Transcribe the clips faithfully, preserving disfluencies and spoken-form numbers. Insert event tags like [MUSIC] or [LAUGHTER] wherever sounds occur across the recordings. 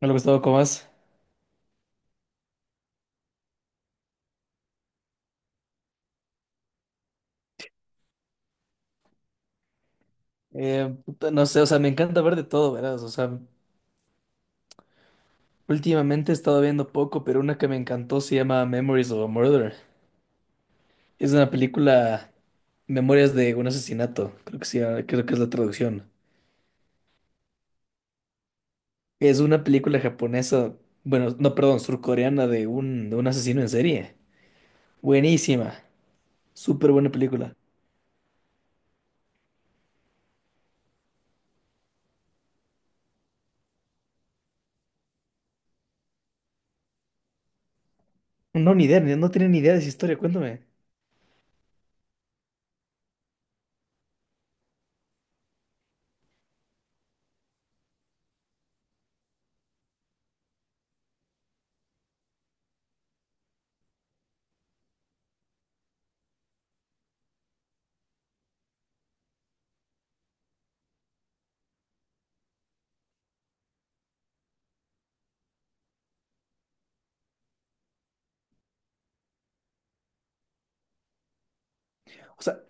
Hola Gustavo, ¿cómo vas? Eh, puta, no sé, o sea, me encanta ver de todo, ¿verdad? O sea, últimamente he estado viendo poco, pero una que me encantó se llama Memories of a Murder. Es una película, Memorias de un asesinato, creo que sí, creo que es la traducción. Es una película japonesa, bueno, no, perdón, surcoreana de un, de un asesino en serie. Buenísima, súper buena película. No, ni idea, ni- no tiene ni idea de esa historia, cuéntame. O sea,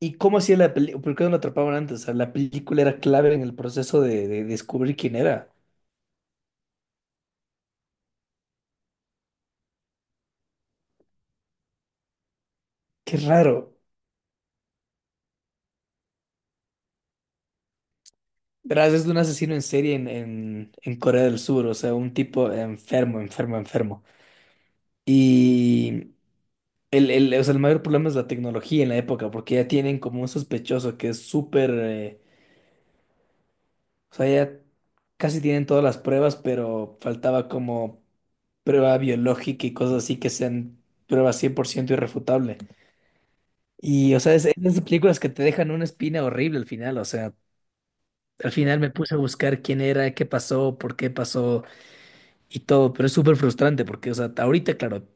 ¿y cómo hacía la película? ¿Por qué no lo atrapaban antes? O sea, la película era clave en el proceso de, de descubrir quién era. Qué raro. Verás, es de un asesino en serie en, en, en Corea del Sur, o sea, un tipo enfermo, enfermo, enfermo. Y el, el, o sea, el mayor problema es la tecnología en la época, porque ya tienen como un sospechoso que es súper, eh, o sea, ya casi tienen todas las pruebas, pero faltaba como prueba biológica y cosas así que sean pruebas cien por ciento irrefutable. Y, o sea, es, es de esas películas que te dejan una espina horrible al final. O sea, al final me puse a buscar quién era, qué pasó, por qué pasó y todo. Pero es súper frustrante porque, o sea, ahorita, claro,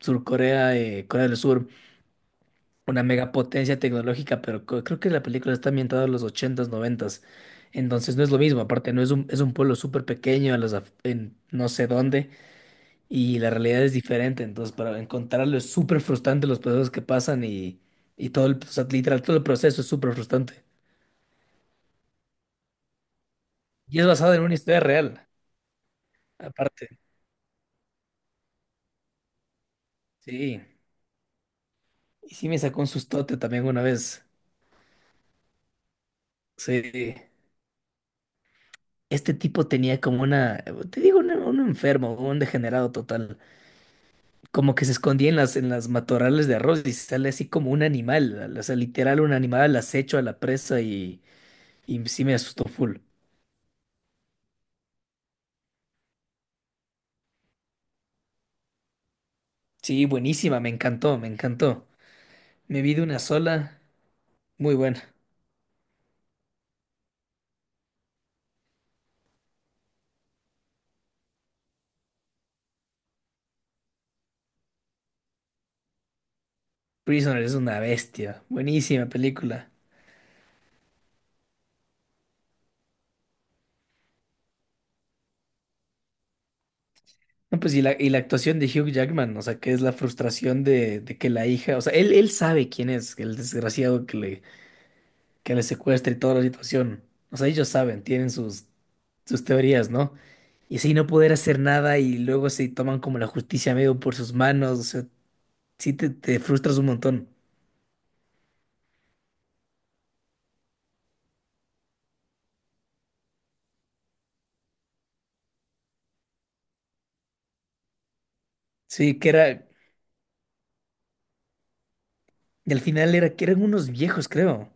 Sur Corea, eh, Corea del Sur, una megapotencia tecnológica, pero co- creo que la película está ambientada en los ochentas noventas. Entonces no es lo mismo. Aparte, no es un, es un pueblo súper pequeño, en, las af- en no sé dónde, y la realidad es diferente. Entonces, para encontrarlo es súper frustrante los procesos que pasan y, y todo el, o sea, literal, todo el proceso es súper frustrante. Y es basada en una historia real, aparte. Sí. Y sí me sacó un sustote también una vez. Sí. Este tipo tenía como una, te digo, una- un, enfermo, un degenerado total. Como que se escondía en las, en las matorrales de arroz y sale así como un animal. O sea, literal un animal al acecho a la presa y, y sí me asustó full. Sí, buenísima, me encantó, me encantó. Me vi de una sola, muy buena. Prisoner es una bestia. Buenísima película. No, pues y la, y la actuación de Hugh Jackman, o sea, que es la frustración de, de que la hija, o sea, él, él sabe quién es el desgraciado que le, que le secuestra y toda la situación. O sea, ellos saben, tienen sus, sus teorías, ¿no? Y así no poder hacer nada y luego se toman como la justicia medio por sus manos, o sea, sí te, te frustras un montón. Sí, que era, y al final era que eran unos viejos, creo.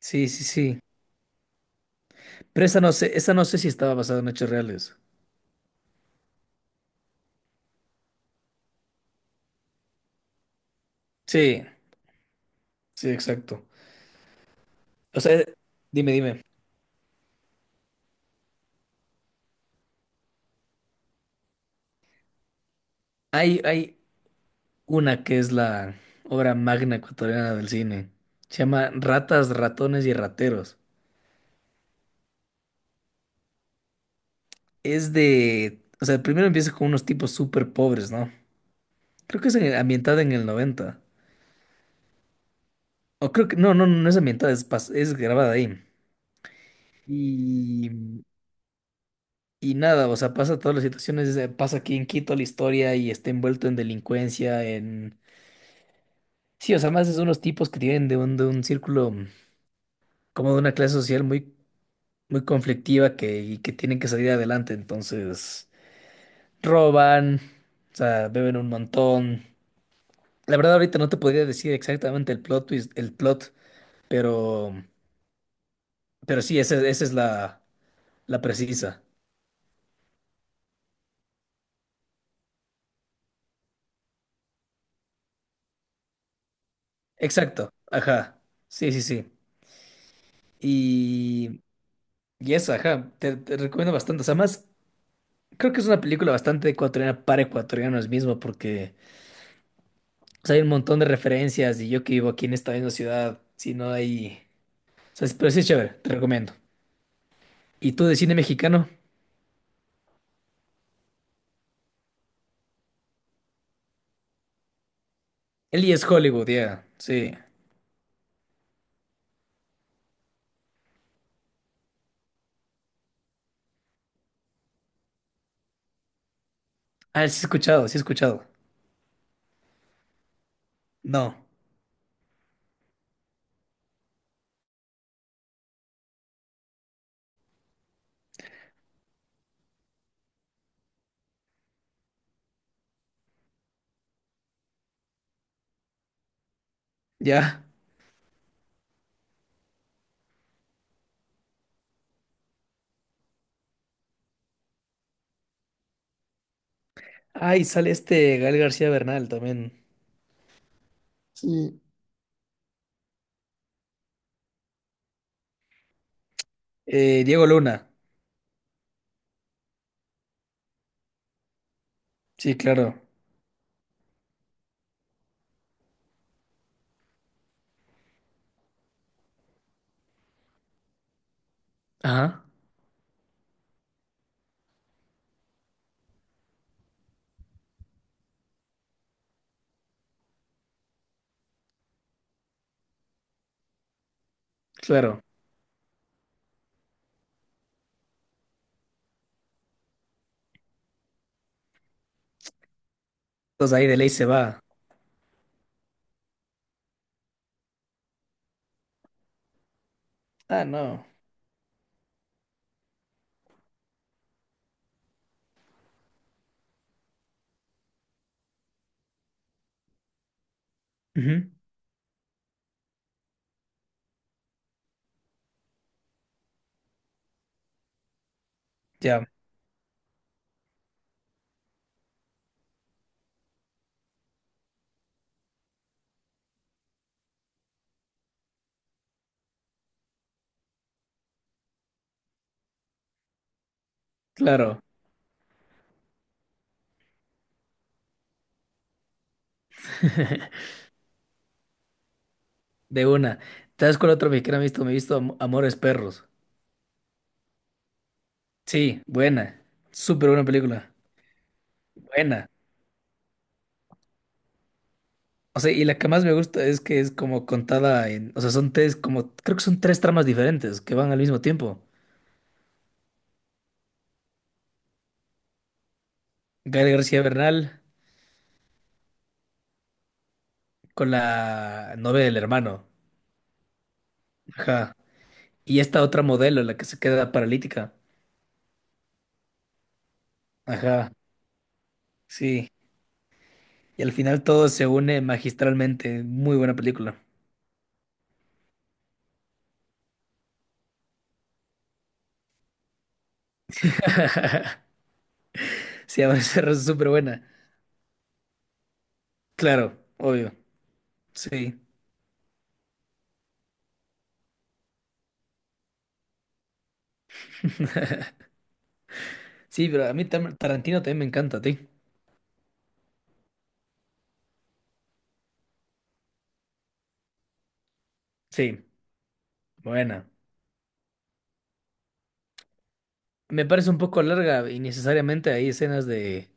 Sí, sí, sí. Pero esa no sé, esa no sé si estaba basada en hechos reales. Sí, sí, exacto. O sea, dime, dime. Hay, hay una que es la obra magna ecuatoriana del cine. Se llama Ratas, ratones y rateros. Es de… O sea, primero empieza con unos tipos súper pobres, ¿no? Creo que es en- ambientada en el noventa. O creo que… No, no, no es ambientada, es, pas- es grabada ahí. Y… Y nada, o sea, pasa todas las situaciones, eh, pasa aquí en Quito la historia y está envuelto en delincuencia, en… Sí, o sea, más es unos tipos que tienen de un, de un círculo, mm, como de una clase social muy muy conflictiva que, y que tienen que salir adelante, entonces roban, o sea, beben un montón. La verdad ahorita no te podría decir exactamente el plot twist, el plot, pero, pero sí, esa, esa es la, la precisa. Exacto, ajá, sí, sí, sí. Y, y esa, ajá, te, te recomiendo bastante. O sea, más, creo que es una película bastante ecuatoriana para ecuatorianos mismo, porque o sea, hay un montón de referencias y yo que vivo aquí en esta misma ciudad, si no hay… O sea, pero sí es chévere, te recomiendo. ¿Y tú de cine mexicano? Eli es Hollywood, ya. Sí. Ah, sí he escuchado, sí he escuchado. No, ya. Ay, sale este Gael García Bernal también. Sí. Eh, Diego Luna. Sí, claro. Ajá, claro. Entonces ahí de ley se va. Ah, no. Ujú. Ya, claro. [LAUGHS] De una. ¿Sabes cuál otro mexicano he visto? Me he visto Am- Amores Perros. Sí, buena. Súper buena película. Buena. O sea, y la que más me gusta es que es como contada en, o sea, son tres, como, creo que son tres tramas diferentes que van al mismo tiempo. Gael García Bernal con la novia del hermano, ajá. Y esta otra modelo, la que se queda paralítica, ajá, sí. Y al final todo se une magistralmente, muy buena película. [LAUGHS] Sí, a ser súper buena. Claro, obvio, sí. [LAUGHS] Sí, pero a mí tam- Tarantino también me encanta, a ti. Sí, buena. Me parece un poco larga y necesariamente hay escenas de,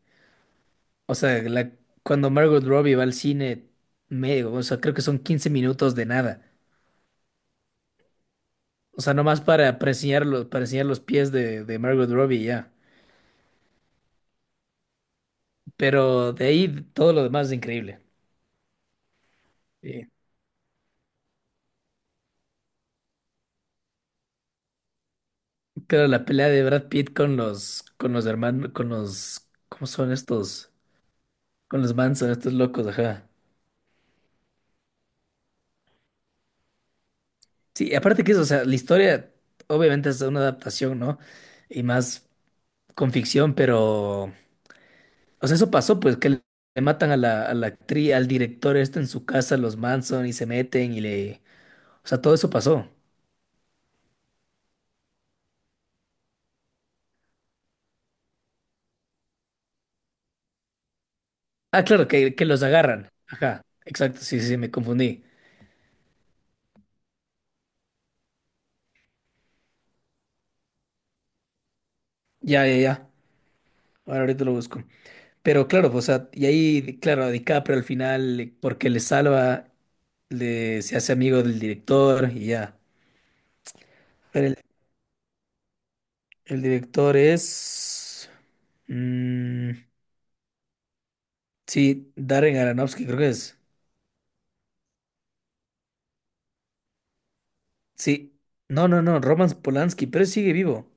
o sea, la, cuando Margot Robbie va al cine medio, o sea, creo que son quince minutos de nada. O sea, nomás para, para enseñar los, para enseñar los pies de, de Margot Robbie y ya. Pero de ahí todo lo demás es increíble. Sí. Claro, la pelea de Brad Pitt con los, con los hermanos, con los, ¿cómo son estos? Con los Manson, estos locos, ajá. Sí, aparte que eso, o sea, la historia obviamente es una adaptación, ¿no? Y más con ficción, pero… O sea, eso pasó, pues, que le le matan a la, a la actriz, al director este en su casa, los Manson, y se meten y le… O sea, todo eso pasó. Ah, claro, que, que los agarran. Ajá, exacto, sí, sí, sí, me confundí. Ya, ya, ya. Ahora ahorita lo busco. Pero claro, o sea, y ahí, claro, DiCaprio al final, le- porque le salva, le, se hace amigo del director y ya. Pero el, el director es… mm, sí, Darren Aronofsky, creo que es. Sí. No, no, no, Roman Polanski, pero sigue vivo.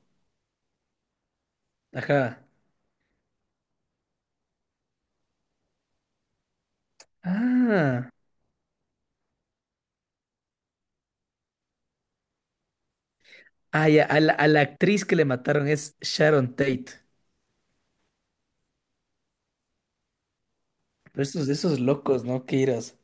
Ajá. Ah. Ah, ya, a la, a la actriz que le mataron es Sharon Tate. Pero estos, esos locos, ¿no? Qué iras.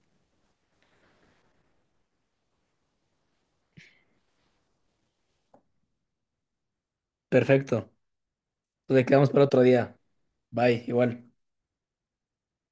Perfecto. Lo quedamos para otro día. Bye, igual.